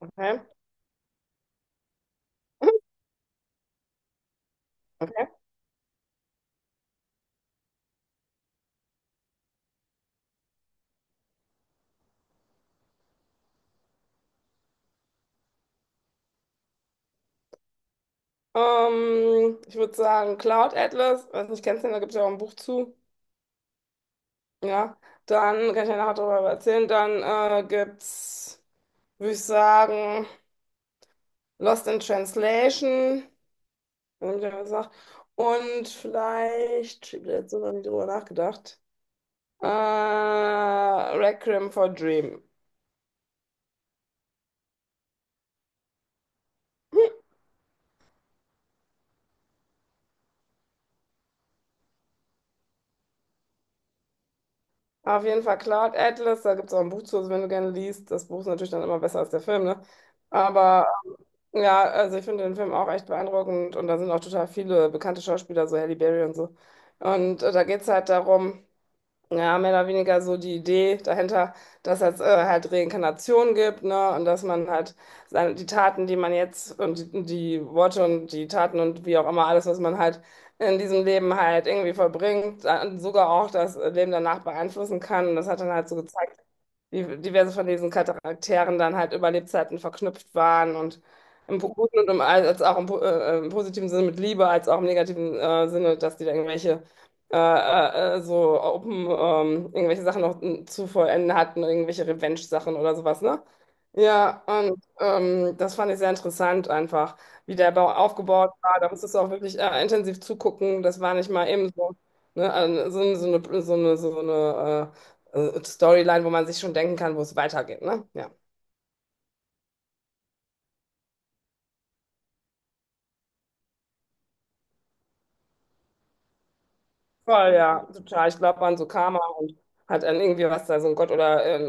Okay. Okay. Ich würde sagen Cloud Atlas, weiß nicht, kennst du den, da gibt es ja auch ein Buch zu. Ja, dann kann ich ja nachher darüber erzählen. Dann gibt's, würde ich sagen, Lost in Translation, wenn ich das gesagt. Und vielleicht, ich habe jetzt so noch nie drüber nachgedacht. Requiem for Dream. Auf jeden Fall Cloud Atlas, da gibt es auch ein Buch zu, also wenn du gerne liest. Das Buch ist natürlich dann immer besser als der Film, ne? Aber ja, also ich finde den Film auch echt beeindruckend und da sind auch total viele bekannte Schauspieler, so Halle Berry und so. Und da geht es halt darum, ja, mehr oder weniger so die Idee dahinter, dass es halt Reinkarnation gibt, ne? Und dass man halt seine, die Taten, die man jetzt und die Worte und die Taten und wie auch immer alles, was man halt in diesem Leben halt irgendwie verbringt, dann sogar auch das Leben danach beeinflussen kann. Und das hat dann halt so gezeigt, die diverse von diesen Charakteren dann halt über Lebzeiten verknüpft waren und im guten und im, als auch im, im positiven Sinne mit Liebe, als auch im negativen Sinne, dass die da irgendwelche so open, irgendwelche Sachen noch zu vollenden hatten, irgendwelche Revenge-Sachen oder sowas, ne? Ja, und das fand ich sehr interessant einfach, wie der Bau aufgebaut war. Da musstest du auch wirklich intensiv zugucken. Das war nicht mal eben so, ne? So, so eine Storyline, wo man sich schon denken kann, wo es weitergeht, ne? Ja. Voll, ja, total. Ich glaube an so Karma und hat an irgendwie was da, so ein Gott oder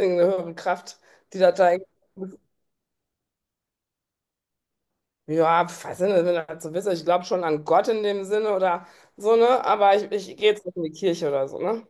irgendeine höhere Kraft, die das da irgendwie. Ja, was Sinn, wenn das so ist. Ich glaube schon an Gott in dem Sinne oder so, ne? Aber ich gehe jetzt nicht in die Kirche oder so, ne?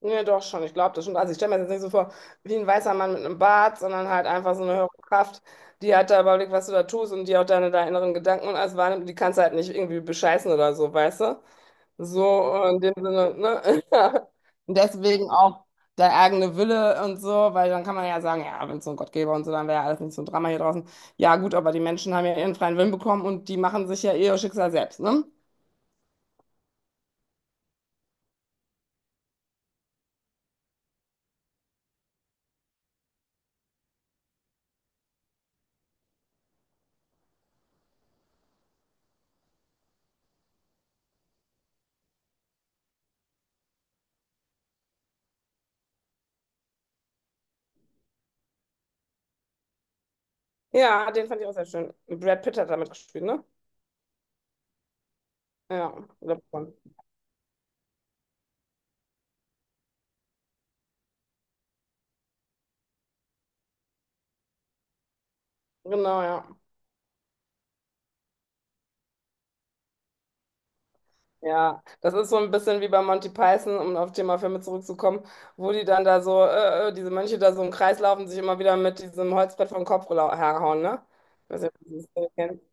Ja, doch schon, ich glaube das schon. Also ich stelle mir das jetzt nicht so vor wie ein weißer Mann mit einem Bart, sondern halt einfach so eine höhere Kraft, die hat da überblickt, was du da tust und die auch deine inneren Gedanken und alles wahrnimmt. Die kannst du halt nicht irgendwie bescheißen oder so, weißt du? So in dem Sinne, ne? Und deswegen auch der eigene Wille und so, weil dann kann man ja sagen, ja, wenn es so einen Gott gäbe und so, dann wäre ja alles nicht so ein Drama hier draußen. Ja, gut, aber die Menschen haben ja ihren freien Willen bekommen und die machen sich ja eh ihr Schicksal selbst, ne? Ja, den fand ich auch sehr schön. Brad Pitt hat damit gespielt, ne? Ja, ich glaub schon. Genau, ja. Ja, das ist so ein bisschen wie bei Monty Python, um auf Thema Filme zurückzukommen, wo die dann da so, diese Mönche da so im Kreis laufen, sich immer wieder mit diesem Holzbrett vom Kopf herhauen, ne? Ich weiß nicht, ob du das Ding kennst.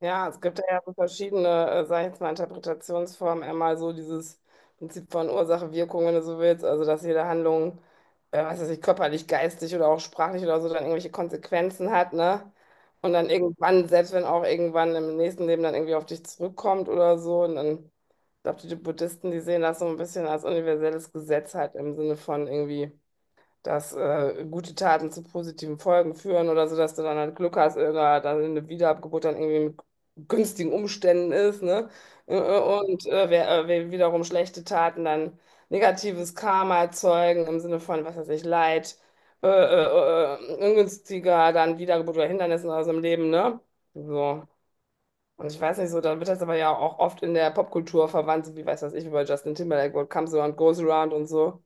Ja, es gibt ja so verschiedene, sag ich jetzt mal, Interpretationsformen. Einmal so dieses Prinzip von Ursache-Wirkung, wenn du so willst. Also, dass jede Handlung, was weiß ich, körperlich, geistig oder auch sprachlich oder so, dann irgendwelche Konsequenzen hat, ne? Und dann irgendwann, selbst wenn auch irgendwann im nächsten Leben dann irgendwie auf dich zurückkommt oder so. Und dann, ich glaube, die Buddhisten, die sehen das so ein bisschen als universelles Gesetz halt im Sinne von irgendwie dass gute Taten zu positiven Folgen führen oder so, dass du dann halt Glück hast, da dann eine Wiedergeburt dann irgendwie mit günstigen Umständen ist, ne? Und wer wiederum schlechte Taten dann negatives Karma erzeugen im Sinne von, was weiß ich, Leid, ungünstiger dann Wiedergeburt oder Hindernissen aus dem Leben, ne? So. Und ich weiß nicht so, dann wird das aber ja auch oft in der Popkultur verwandt, so wie, weiß was ich, wie bei Justin Timberlake, What Comes Around Goes Around und so.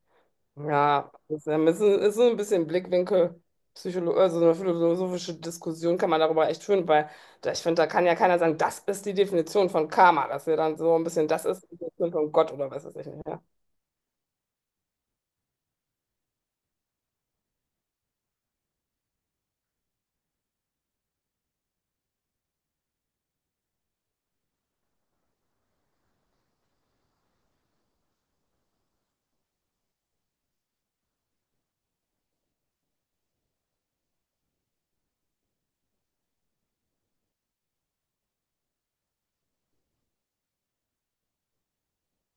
Ja, das ist ein, ist so ein bisschen Blickwinkel, Psycholo also eine philosophische Diskussion kann man darüber echt führen, weil da, ich finde, da kann ja keiner sagen, das ist die Definition von Karma, dass wir dann so ein bisschen, das ist die Definition von Gott oder was weiß ich nicht. Ja.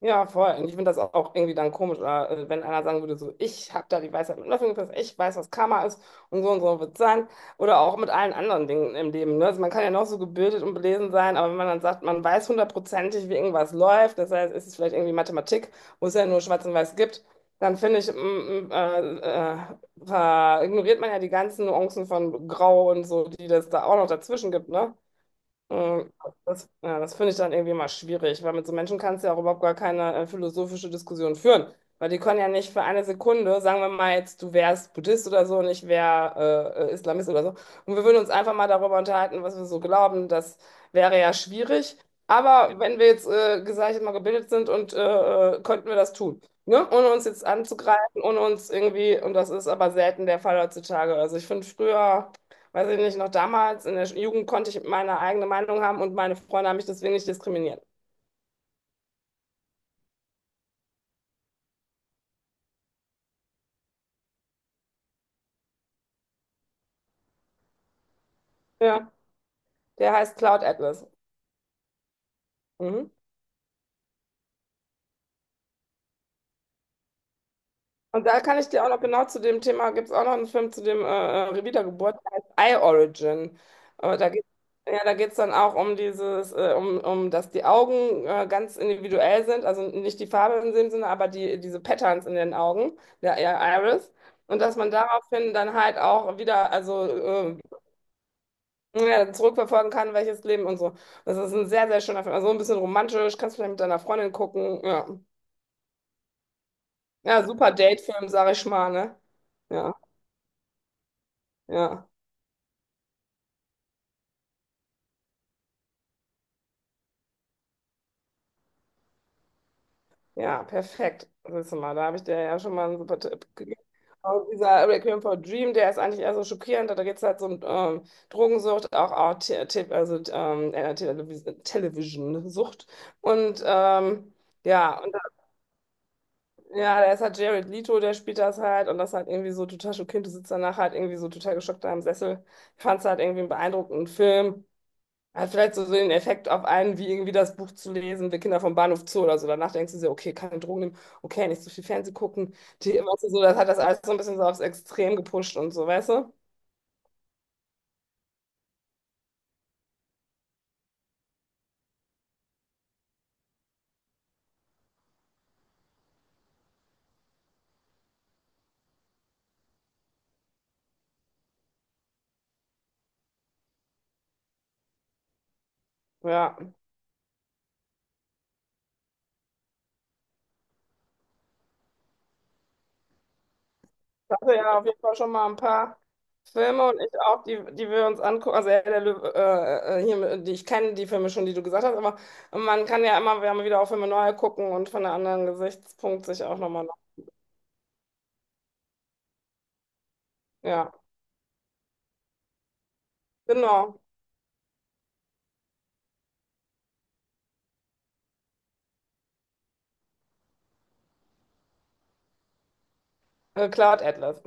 Ja, voll. Und ich finde das auch irgendwie dann komisch, oder, wenn einer sagen würde, so, ich habe da die Weisheit mit Löffeln gefressen, ich weiß, was Karma ist und so wird es sein. Oder auch mit allen anderen Dingen im Leben. Ne? Also man kann ja noch so gebildet und belesen sein, aber wenn man dann sagt, man weiß hundertprozentig, wie irgendwas läuft, das heißt, ist es vielleicht irgendwie Mathematik, wo es ja nur Schwarz und Weiß gibt, dann finde ich, mm, äh, äh, ignoriert man ja die ganzen Nuancen von Grau und so, die das da auch noch dazwischen gibt, ne? Mm, Das, ja, das finde ich dann irgendwie mal schwierig, weil mit so Menschen kannst du ja auch überhaupt gar keine philosophische Diskussion führen, weil die können ja nicht für eine Sekunde, sagen wir mal jetzt, du wärst Buddhist oder so und ich wäre Islamist oder so, und wir würden uns einfach mal darüber unterhalten, was wir so glauben, das wäre ja schwierig, aber wenn wir jetzt, sag ich mal, gebildet sind und könnten wir das tun, ne? Ohne uns jetzt anzugreifen, ohne uns irgendwie, und das ist aber selten der Fall heutzutage, also ich finde früher... Weiß ich nicht, noch damals in der Jugend konnte ich meine eigene Meinung haben und meine Freunde haben mich deswegen nicht diskriminiert. Ja, der heißt Cloud Atlas. Mhm. Und da kann ich dir auch noch genau zu dem Thema, gibt es auch noch einen Film zu dem Wiedergeburt, der heißt Eye Origin. Äh, da geht, ja, da geht's dann auch um dieses, dass die Augen ganz individuell sind, also nicht die Farbe in dem Sinne, aber die, diese Patterns in den Augen, der Iris. Und dass man daraufhin dann halt auch wieder, also ja, zurückverfolgen kann, welches Leben und so. Das ist ein sehr, sehr schöner Film. Also ein bisschen romantisch, kannst du vielleicht mit deiner Freundin gucken. Ja, ja super Date-Film, sag ich mal, ne? Ja, ja, ja, perfekt. Siehst du mal, da habe ich dir ja schon mal einen super Tipp gegeben. Und dieser Requiem for a Dream, der ist eigentlich eher so schockierend, da geht es halt so um Drogensucht, auch, auch also, Television-Sucht. Und ja, ja, da ist halt Jared Leto, der spielt das halt und das halt irgendwie so total schockierend. Du sitzt danach halt irgendwie so total geschockt da im Sessel. Ich fand es halt irgendwie einen beeindruckenden Film. Hat vielleicht so so den Effekt auf einen, wie irgendwie das Buch zu lesen, Wir Kinder vom Bahnhof Zoo oder so. Danach denkst du dir, okay, keine Drogen nehmen, okay, nicht so viel Fernsehen gucken. Die, weißt du, so, das hat das alles so ein bisschen so aufs Extrem gepusht und so, weißt du? Ja. Also ja, auf jeden Fall schon mal ein paar Filme und ich auch, die, die wir uns angucken. Also Herr der Löwe, hier, die ich kenne, die Filme schon, die du gesagt hast, aber man kann ja immer, wir haben wieder auch Filme neu gucken und von einem anderen Gesichtspunkt sich auch nochmal. Ja, genau. Cloud Atlas.